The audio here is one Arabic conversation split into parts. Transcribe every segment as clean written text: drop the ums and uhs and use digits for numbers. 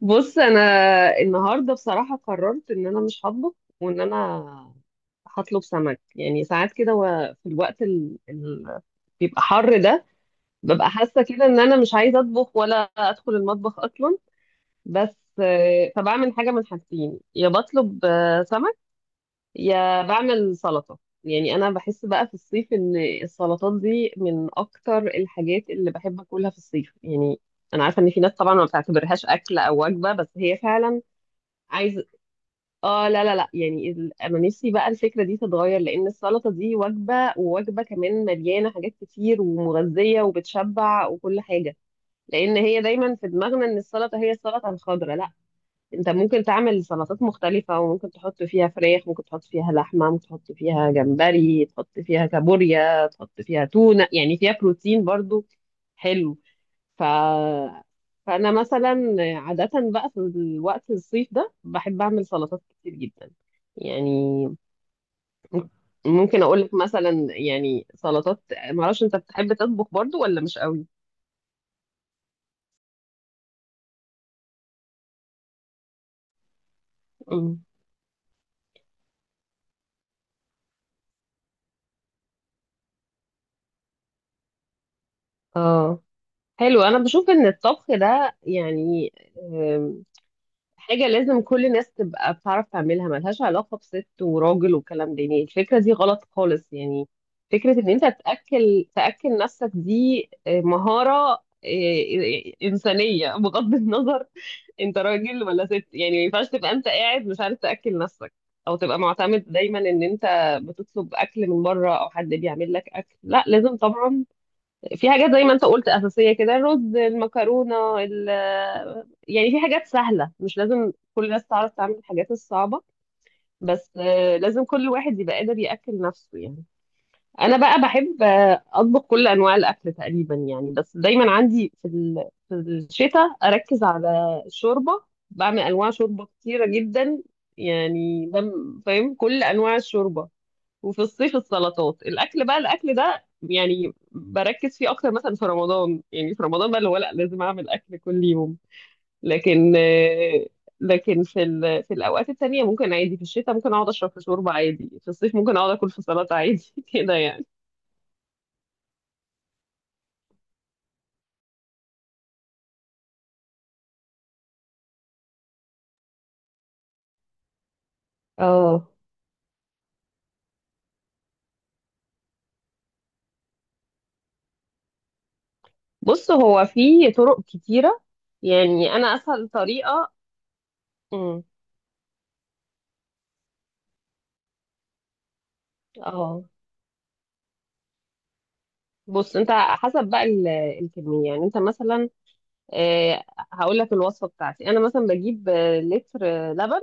بص، انا النهارده بصراحه قررت ان انا مش هطبخ، وان انا هطلب سمك. يعني ساعات كده في الوقت اللي بيبقى حر ده ببقى حاسه كده ان انا مش عايزه اطبخ ولا ادخل المطبخ اصلا. بس فبعمل حاجه من حاجتين: يا بطلب سمك، يا بعمل سلطه. يعني انا بحس بقى في الصيف ان السلطات دي من اكتر الحاجات اللي بحب اكلها في الصيف. يعني انا عارفه ان في ناس طبعا ما بتعتبرهاش اكل او وجبه، بس هي فعلا عايزه. اه، لا لا لا، يعني انا نفسي بقى الفكره دي تتغير، لان السلطه دي وجبه، ووجبه كمان مليانه حاجات كتير ومغذيه وبتشبع وكل حاجه. لان هي دايما في دماغنا ان السلطه هي السلطه الخضراء. لا، انت ممكن تعمل سلطات مختلفة، وممكن تحط فيها فراخ، ممكن تحط فيها لحمة، ممكن تحط فيها جمبري، تحط فيها كابوريا، تحط فيها تونة، يعني فيها بروتين برضو. حلو. ف... فأنا مثلا عادة بقى في الوقت الصيف ده بحب أعمل سلطات كتير جدا. يعني ممكن أقول لك مثلا يعني سلطات. معرفش أنت بتحب تطبخ برضو ولا مش قوي؟ مم. اه، حلو. أنا بشوف إن الطبخ ده يعني حاجة لازم كل الناس تبقى بتعرف تعملها. ملهاش علاقة بست وراجل والكلام ده، يعني الفكرة دي غلط خالص يعني. فكرة ان انت تأكل نفسك دي مهارة، إنسانية، بغض النظر انت راجل ولا ست. يعني ما ينفعش تبقى انت قاعد مش عارف تأكل نفسك، او تبقى معتمد دايما ان انت بتطلب اكل من بره او حد بيعمل لك اكل. لا، لازم طبعا. في حاجات زي ما انت قلت اساسيه كده: الرز، المكرونه، ال- يعني في حاجات سهله، مش لازم كل الناس تعرف تعمل الحاجات الصعبه، بس لازم كل واحد يبقى قادر ياكل نفسه يعني. انا بقى بحب اطبخ كل انواع الاكل تقريبا يعني. بس دايما عندي في الشتاء اركز على الشوربه. بعمل انواع شوربه كتيره جدا. يعني فاهم كل انواع الشوربه. وفي الصيف السلطات. الاكل ده يعني بركز فيه اكتر، مثلا في رمضان، يعني في رمضان بقى اللي هو لا لازم اعمل اكل كل يوم. لكن لكن في الاوقات التانية ممكن عادي. في الشتاء ممكن اقعد اشرب في شوربه عادي، في الصيف ممكن اقعد اكل في سلطه عادي كده يعني. اه، بص هو في طرق كتيره. يعني انا اسهل طريقه. مم. اه، بص انت حسب بقى الكميه. يعني انت مثلا آه، هقول لك الوصفه بتاعتي: انا مثلا بجيب لتر لبن،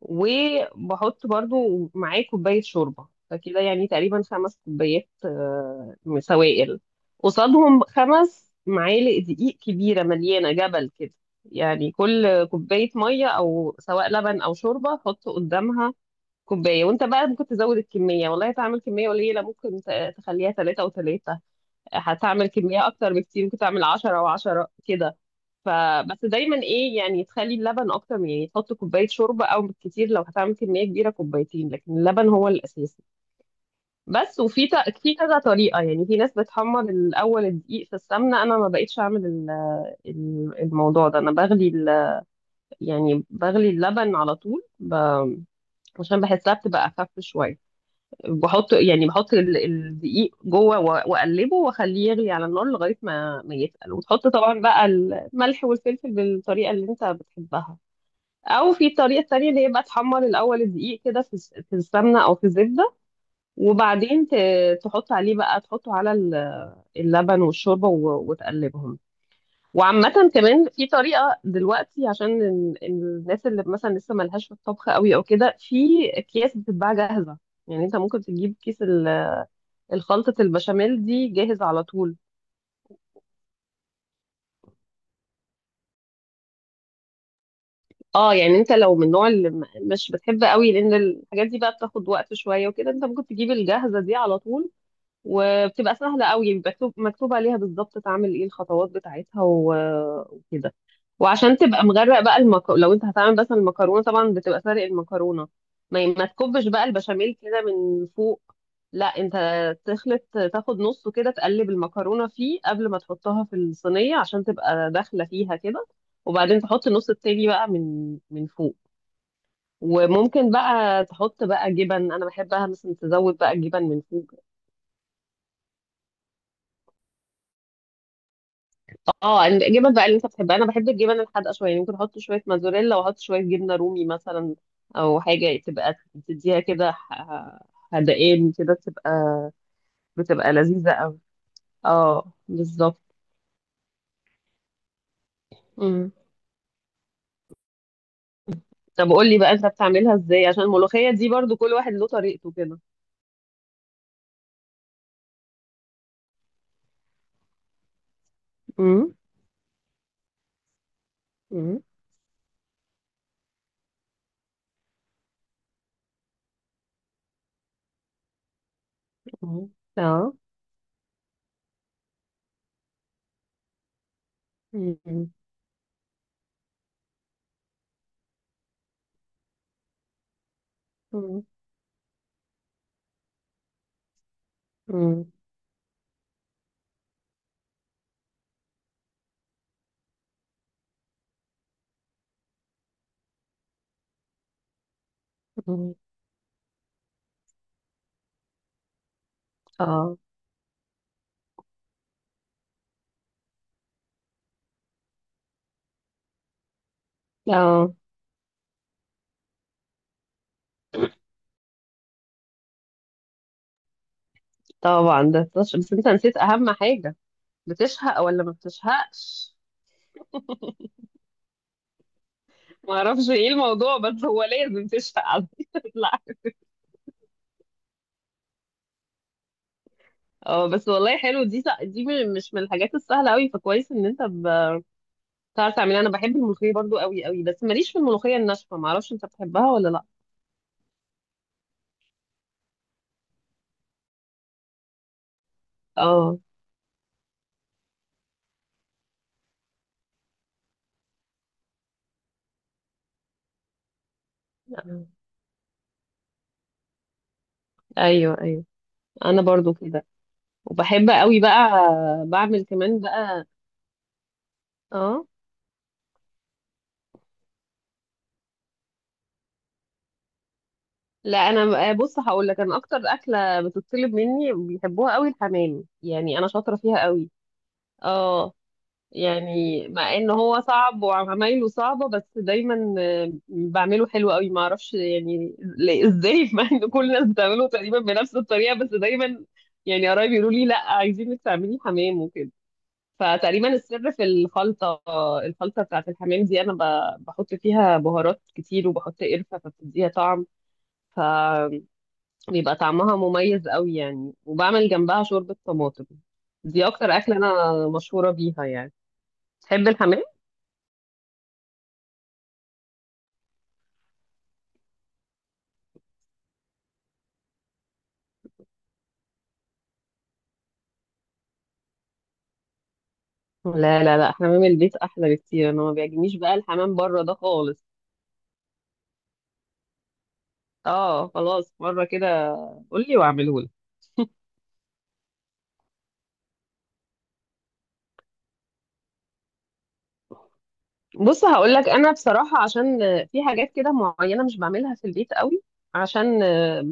وبحط برضو معاه كوبايه شوربه، فكده يعني تقريبا خمس كوبايات سوائل، قصادهم خمس معالق دقيق كبيره مليانه جبل كده. يعني كل كوبايه ميه او سواء لبن او شوربه حط قدامها كوبايه. وانت بقى ممكن تزود الكميه والله. هتعمل كميه قليله، ممكن تخليها ثلاثه وثلاثه. هتعمل كميه اكتر بكتير، ممكن تعمل عشرة وعشرة كده. فبس دايما ايه، يعني تخلي اللبن اكتر من، يعني تحط كوبايه شوربه، او بالكتير لو هتعمل كميه كبيره كوبايتين، لكن اللبن هو الاساسي. بس. وفي في كذا طريقه، يعني في ناس بتحمر الاول الدقيق في السمنه. انا ما بقيتش اعمل الموضوع ده. انا بغلي يعني بغلي اللبن على طول عشان بحسها بتبقى اخف شويه. بحط يعني بحط الدقيق جوه واقلبه واخليه يغلي على النار لغايه ما يتقل، وتحط طبعا بقى الملح والفلفل بالطريقه اللي انت بتحبها. او في طريقه تانية اللي هي بقى تحمر الاول الدقيق كده في السمنه او في الزبده، وبعدين تحط عليه بقى، تحطه على اللبن والشوربه وتقلبهم. وعامه كمان في طريقه دلوقتي، عشان الناس اللي مثلا لسه ملهاش في الطبخ قوي او كده، في اكياس بتتباع جاهزه. يعني انت ممكن تجيب كيس الخلطة البشاميل دي جاهز على طول. اه، يعني انت لو من النوع اللي مش بتحب قوي، لان الحاجات دي بقى بتاخد وقت شوية وكده، انت ممكن تجيب الجاهزة دي على طول. وبتبقى سهلة قوي. بيبقى مكتوب عليها بالظبط تعمل ايه الخطوات بتاعتها وكده. وعشان تبقى مغرق بقى لو انت هتعمل مثلا المكرونة، طبعا بتبقى سارق المكرونة، ما تكبش بقى البشاميل كده من فوق. لا، انت تخلط، تاخد نصه كده، تقلب المكرونة فيه قبل ما تحطها في الصينية عشان تبقى داخلة فيها كده، وبعدين تحط النص التاني بقى من فوق. وممكن بقى تحط بقى جبن. انا بحبها مثلا تزود بقى جبن من فوق. اه، الجبن بقى اللي انت بتحبها. انا بحب الجبن الحادقه شويه، يعني ممكن احط شويه موزاريلا واحط شويه جبنه رومي مثلا، او حاجه تبقى تديها كده حدقان كده، تبقى بتبقى لذيذه قوي. اه، بالظبط. مم. طب قول لي بقى انت بتعملها ازاي، عشان الملوخيه دي برضو كل واحد له طريقته كده. امم. امم. مم. اه. مم. مم. مم. مم. اه. اه، طبعا ده بس انت نسيت اهم حاجه: بتشهق ولا ما بتشهقش؟ ما اعرفش ايه الموضوع، بس هو لازم تشفق على لا. اه بس والله حلو. دي مش من الحاجات السهله قوي، فكويس ان انت بتعرف تعملها. انا بحب الملوخيه برضو قوي قوي، بس ماليش في الملوخيه الناشفه. ما اعرفش انت بتحبها ولا لا. اه. آه. ايوه، ايوه. انا برضو كده، وبحب قوي بقى. بعمل كمان بقى. اه، لا انا بص هقول لك، انا اكتر اكله بتطلب مني بيحبوها قوي الحمام. يعني انا شاطره فيها قوي. اه، يعني مع ان هو صعب وعمايله صعبة، بس دايما بعمله حلو قوي. ما اعرفش يعني ازاي مع ان كل الناس بتعمله تقريبا بنفس الطريقة، بس دايما يعني قرايبي يقولوا لي لا، عايزينك تعملي حمام وكده. فتقريبا السر في الخلطة، الخلطة بتاعت الحمام دي انا بحط فيها بهارات كتير وبحط قرفة فبتديها طعم، فبيبقى طعمها مميز قوي يعني. وبعمل جنبها شوربة طماطم. دي اكتر اكلة انا مشهورة بيها يعني. تحب الحمام؟ لا لا لا، حمام البيت احلى بكتير. انا ما بيعجبنيش بقى الحمام بره ده خالص. اه، خلاص، مره كده قول لي واعمله لك. بص هقول لك، انا بصراحه عشان في حاجات كده معينه مش بعملها في البيت قوي، عشان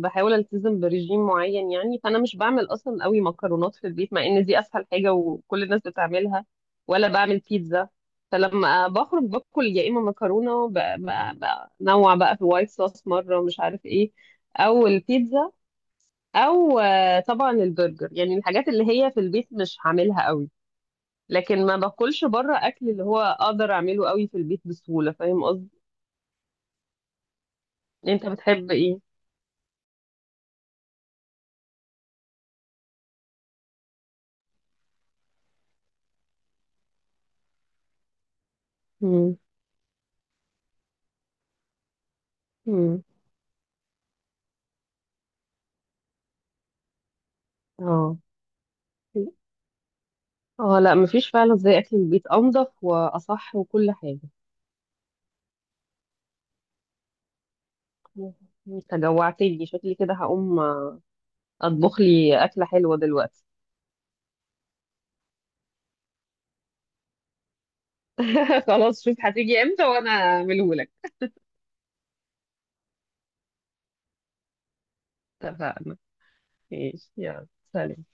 بحاول التزم برجيم معين. يعني فانا مش بعمل اصلا قوي مكرونات في البيت مع ان دي اسهل حاجه وكل الناس بتعملها، ولا بعمل بيتزا. فلما بخرج باكل يا اما مكرونه بنوع بقى في وايت صوص مره مش عارف ايه، او البيتزا، او طبعا البرجر، يعني الحاجات اللي هي في البيت مش هعملها قوي. لكن ما باكلش بره اكل اللي هو اقدر اعمله قوي في البيت بسهوله، فاهم قصدي. انت بتحب ايه؟ امم. امم. اه. اه، لا، مفيش فعلا زي اكل البيت، انضف واصح وكل حاجه. انت جوعتني، شكلي كده هقوم اطبخ لي اكله حلوه دلوقتي. خلاص، شوف هتيجي امتى وانا اعمله لك. اتفقنا. ماشي، يلا. سلام.